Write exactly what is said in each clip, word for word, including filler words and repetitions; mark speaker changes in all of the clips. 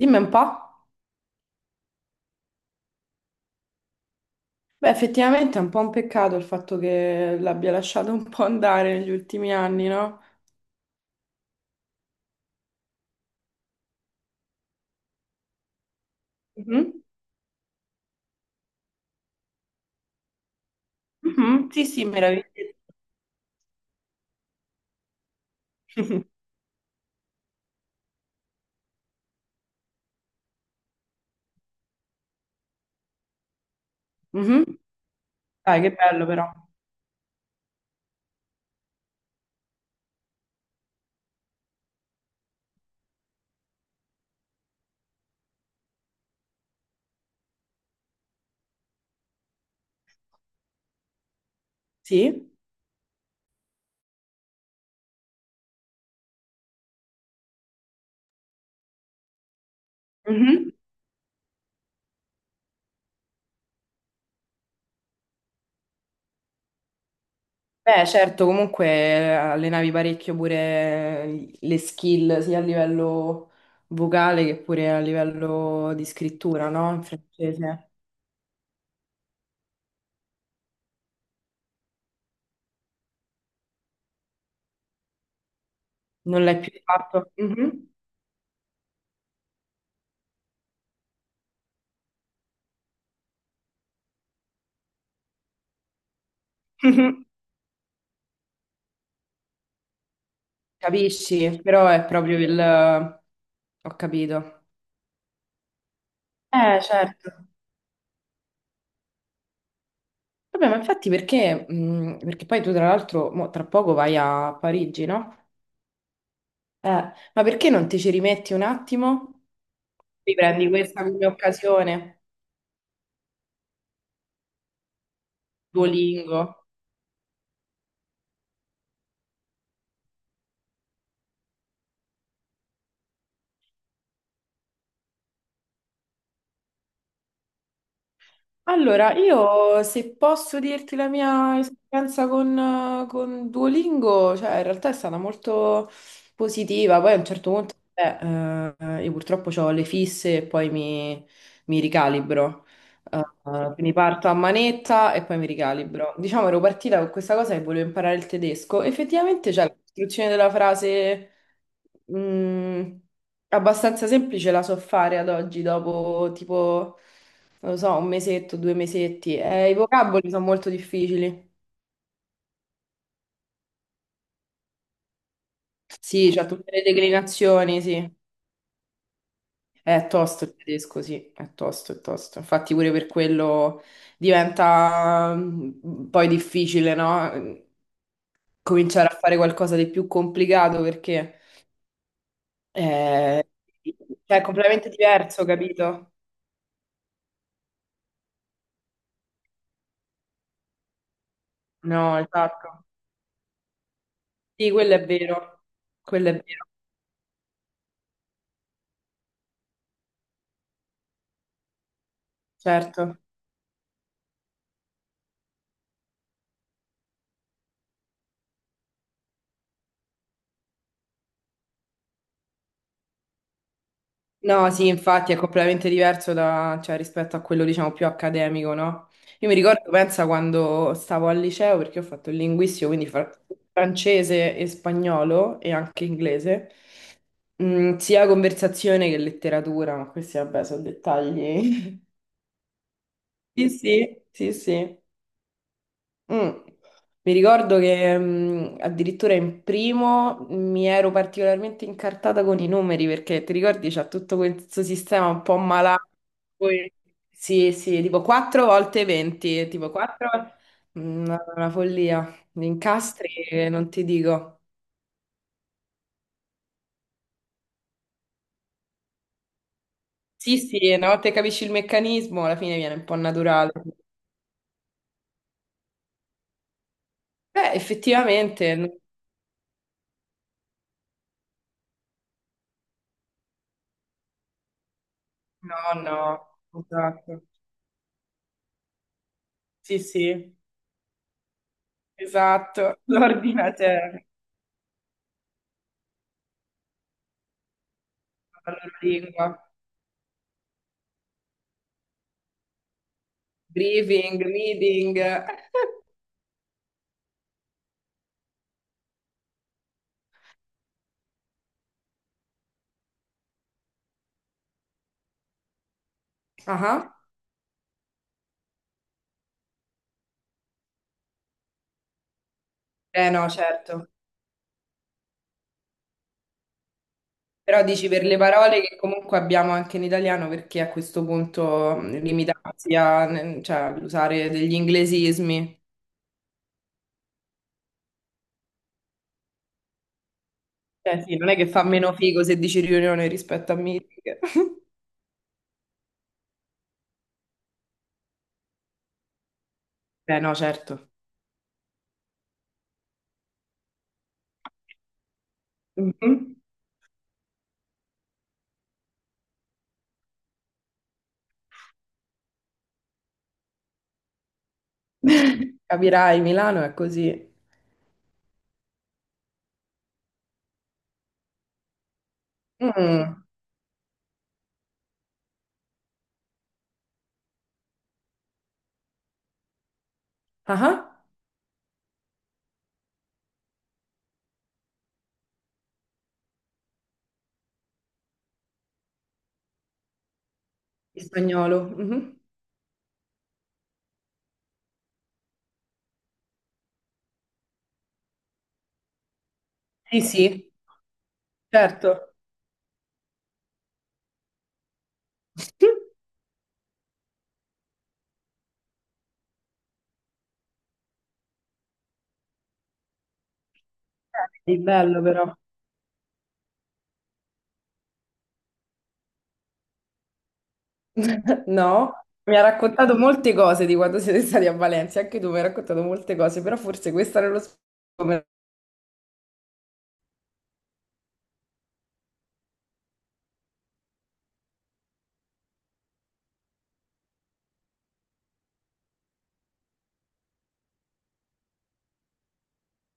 Speaker 1: Dimmi un po'. Beh, effettivamente è un po' un peccato il fatto che l'abbia lasciato un po' andare negli ultimi anni, no? Mhm. Mhm. Sì, sì, meraviglioso. Mhm. Dai, che bello però. Sì. Mhm. Beh, certo, comunque eh, allenavi parecchio pure eh, le skill sia a livello vocale che pure a livello di scrittura, no? In francese. Non l'hai più fatto. Mhm. Mhm. Capisci? Però è proprio il... Ho capito. Eh, certo. Vabbè, ma infatti perché, mh, perché poi tu tra l'altro mo tra poco vai a Parigi, no? Eh, ma perché non ti ci rimetti un attimo? Riprendi questa come occasione, Duolingo. Allora, io se posso dirti la mia esperienza con, eh, con Duolingo, cioè in realtà è stata molto positiva, poi a un certo punto eh, eh, io purtroppo ho le fisse e poi mi, mi ricalibro. Eh, eh, quindi parto a manetta e poi mi ricalibro. Diciamo ero partita con questa cosa che volevo imparare il tedesco, effettivamente c'è la costruzione della frase mh, abbastanza semplice, la so fare ad oggi dopo tipo non lo so, un mesetto, due mesetti. Eh, i vocaboli sono molto difficili. Sì, c'ha tutte le declinazioni, sì. È tosto il tedesco, sì, è tosto, è tosto. Infatti pure per quello diventa mm, poi difficile, no? Cominciare a fare qualcosa di più complicato perché eh, cioè, è completamente diverso, capito? No, esatto. Sì, quello è vero, quello è vero, certo. No, sì, infatti è completamente diverso da- cioè, rispetto a quello, diciamo, più accademico, no? Io mi ricordo, pensa, quando stavo al liceo, perché ho fatto il linguistico, quindi fra- francese e spagnolo e anche inglese, mm, sia conversazione che letteratura, ma questi, vabbè, sono dettagli. Sì, sì, sì, sì. Mm. Mi ricordo che mm, addirittura in primo mi ero particolarmente incartata con i numeri perché ti ricordi c'è tutto questo sistema un po' malato. Poi- Sì, sì, tipo quattro volte venti, tipo quattro una, una follia. Gli incastri eh, non ti dico. Sì, sì, una volta che capisci il meccanismo alla fine viene un po' naturale. Beh, effettivamente, no, no, esatto. Sì, sì, esatto, l'ordinatore, alla lingua. Briefing, reading. Ah, eh no, certo. Però dici per le parole che comunque abbiamo anche in italiano, perché a questo punto mh, limitarsi a, n- cioè, all'usare degli inglesismi. Cioè, sì, non è che fa meno figo se dici riunione rispetto a meeting. Eh no, certo. Mhm. Capirai, Milano è così. Mm. Ah, il spagnolo. Mhm. Sì, sì, certo. Eh, È bello però. No, mi ha raccontato molte cose di quando siete stati a Valencia, anche tu mi hai raccontato molte cose, però forse questa nello specifico.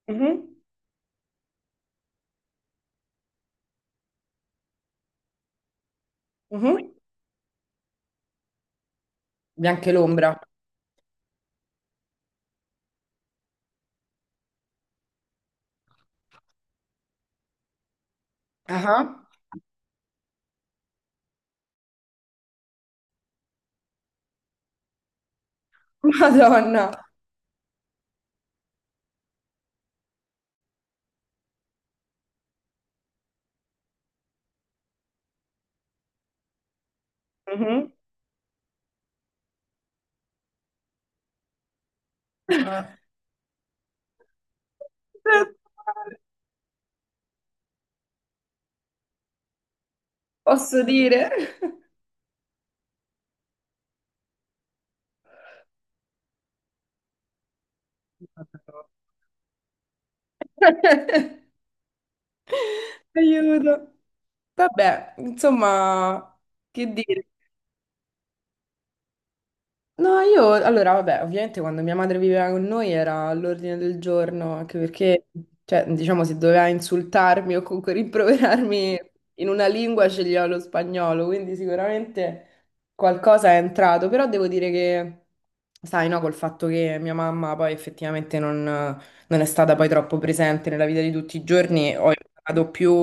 Speaker 1: Mhm, mhm. Bianche l'ombra. Ah, Madonna. Mhm. Ah, posso dire? Aiuto. Vabbè, insomma, che dire? No, io allora, vabbè, ovviamente quando mia madre viveva con noi era all'ordine del giorno, anche perché, cioè, diciamo, se doveva insultarmi o comunque rimproverarmi in una lingua sceglieva lo spagnolo, quindi sicuramente qualcosa è entrato, però devo dire che, sai, no, col fatto che mia mamma poi effettivamente non, non è stata poi troppo presente nella vita di tutti i giorni, ho imparato più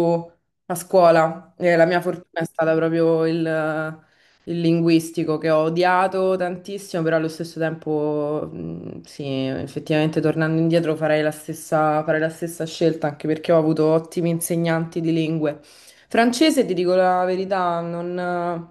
Speaker 1: a scuola, e la mia fortuna è stata proprio il il linguistico che ho odiato tantissimo, però allo stesso tempo, mh, sì, effettivamente tornando indietro farei la stessa, farei la stessa scelta, anche perché ho avuto ottimi insegnanti di lingue. Francese, ti dico la verità, non,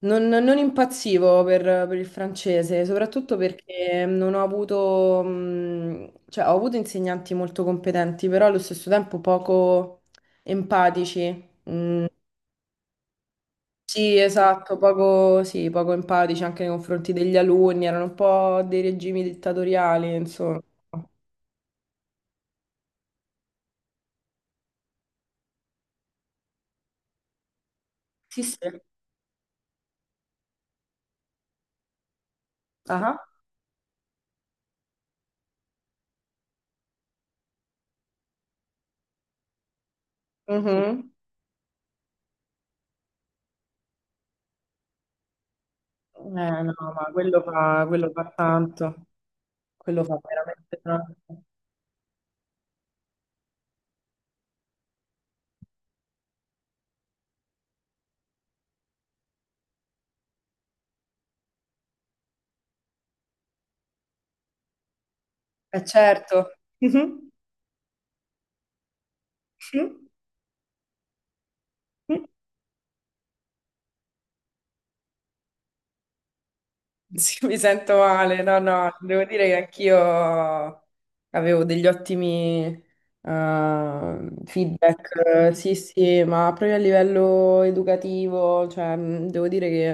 Speaker 1: non- non impazzivo per, per il francese, soprattutto perché non ho avuto, mh, cioè ho avuto insegnanti molto competenti, però allo stesso tempo poco empatici. Mm, sì, esatto, poco, sì, poco empatici anche nei confronti degli alunni, erano un po' dei regimi dittatoriali, insomma. Sì, sì. Ah. Mhm. Eh, no, ma quello fa, quello fa tanto, quello fa veramente tanto. Eh certo. Mhm. Mhm. Sì, mi sento male, no, no, devo dire che anch'io avevo degli ottimi eh, feedback, eh, sì, sì, ma proprio a livello educativo, cioè, mh, devo dire che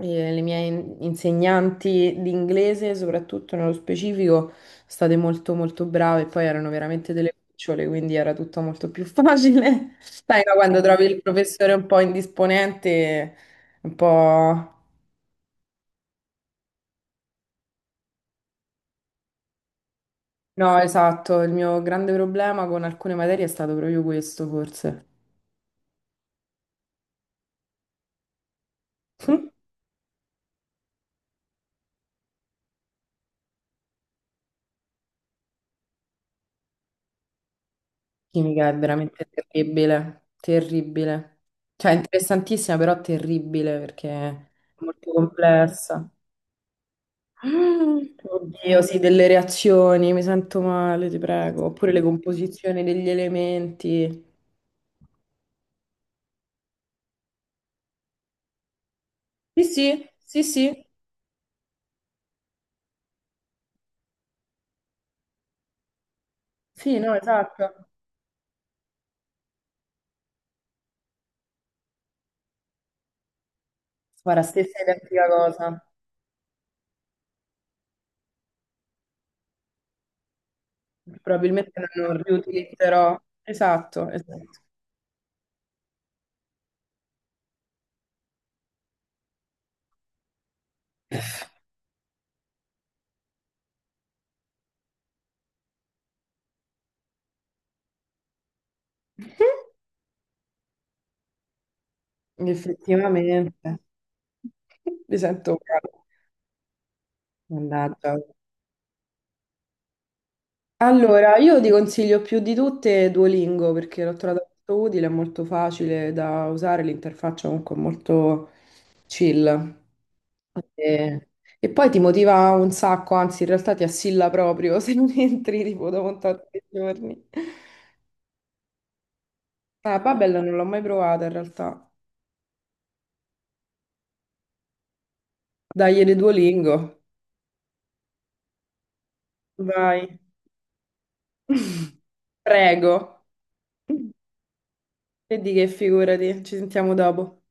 Speaker 1: eh, le mie in- insegnanti di inglese, soprattutto nello specifico, state molto molto brave e poi erano veramente delle cucciole, quindi era tutto molto più facile. Sai, no, quando trovi il professore un po' indisponente, un po'... No, esatto, il mio grande problema con alcune materie è stato proprio questo, forse. Chimica è veramente terribile, terribile. Cioè, interessantissima, però terribile perché è molto complessa. Mm, Oddio, sì, delle reazioni, mi sento male, ti prego. Oppure le composizioni degli elementi. Sì, sì, sì, sì, sì, no, esatto. Guarda, stessa identica cosa. Probabilmente non riutilizzerò. Esatto, esatto. Effettivamente, mi sento un calo. Mannaggia. Allora, io ti consiglio più di tutte Duolingo perché l'ho trovata molto utile, è molto facile da usare, l'interfaccia comunque è molto chill. E, e poi ti motiva un sacco, anzi in realtà ti assilla proprio se non entri tipo dopo tanti giorni. Ah, Babbel non l'ho mai provata in realtà. Dai, le Duolingo. Vai. Prego. E di che figurati, ci sentiamo dopo.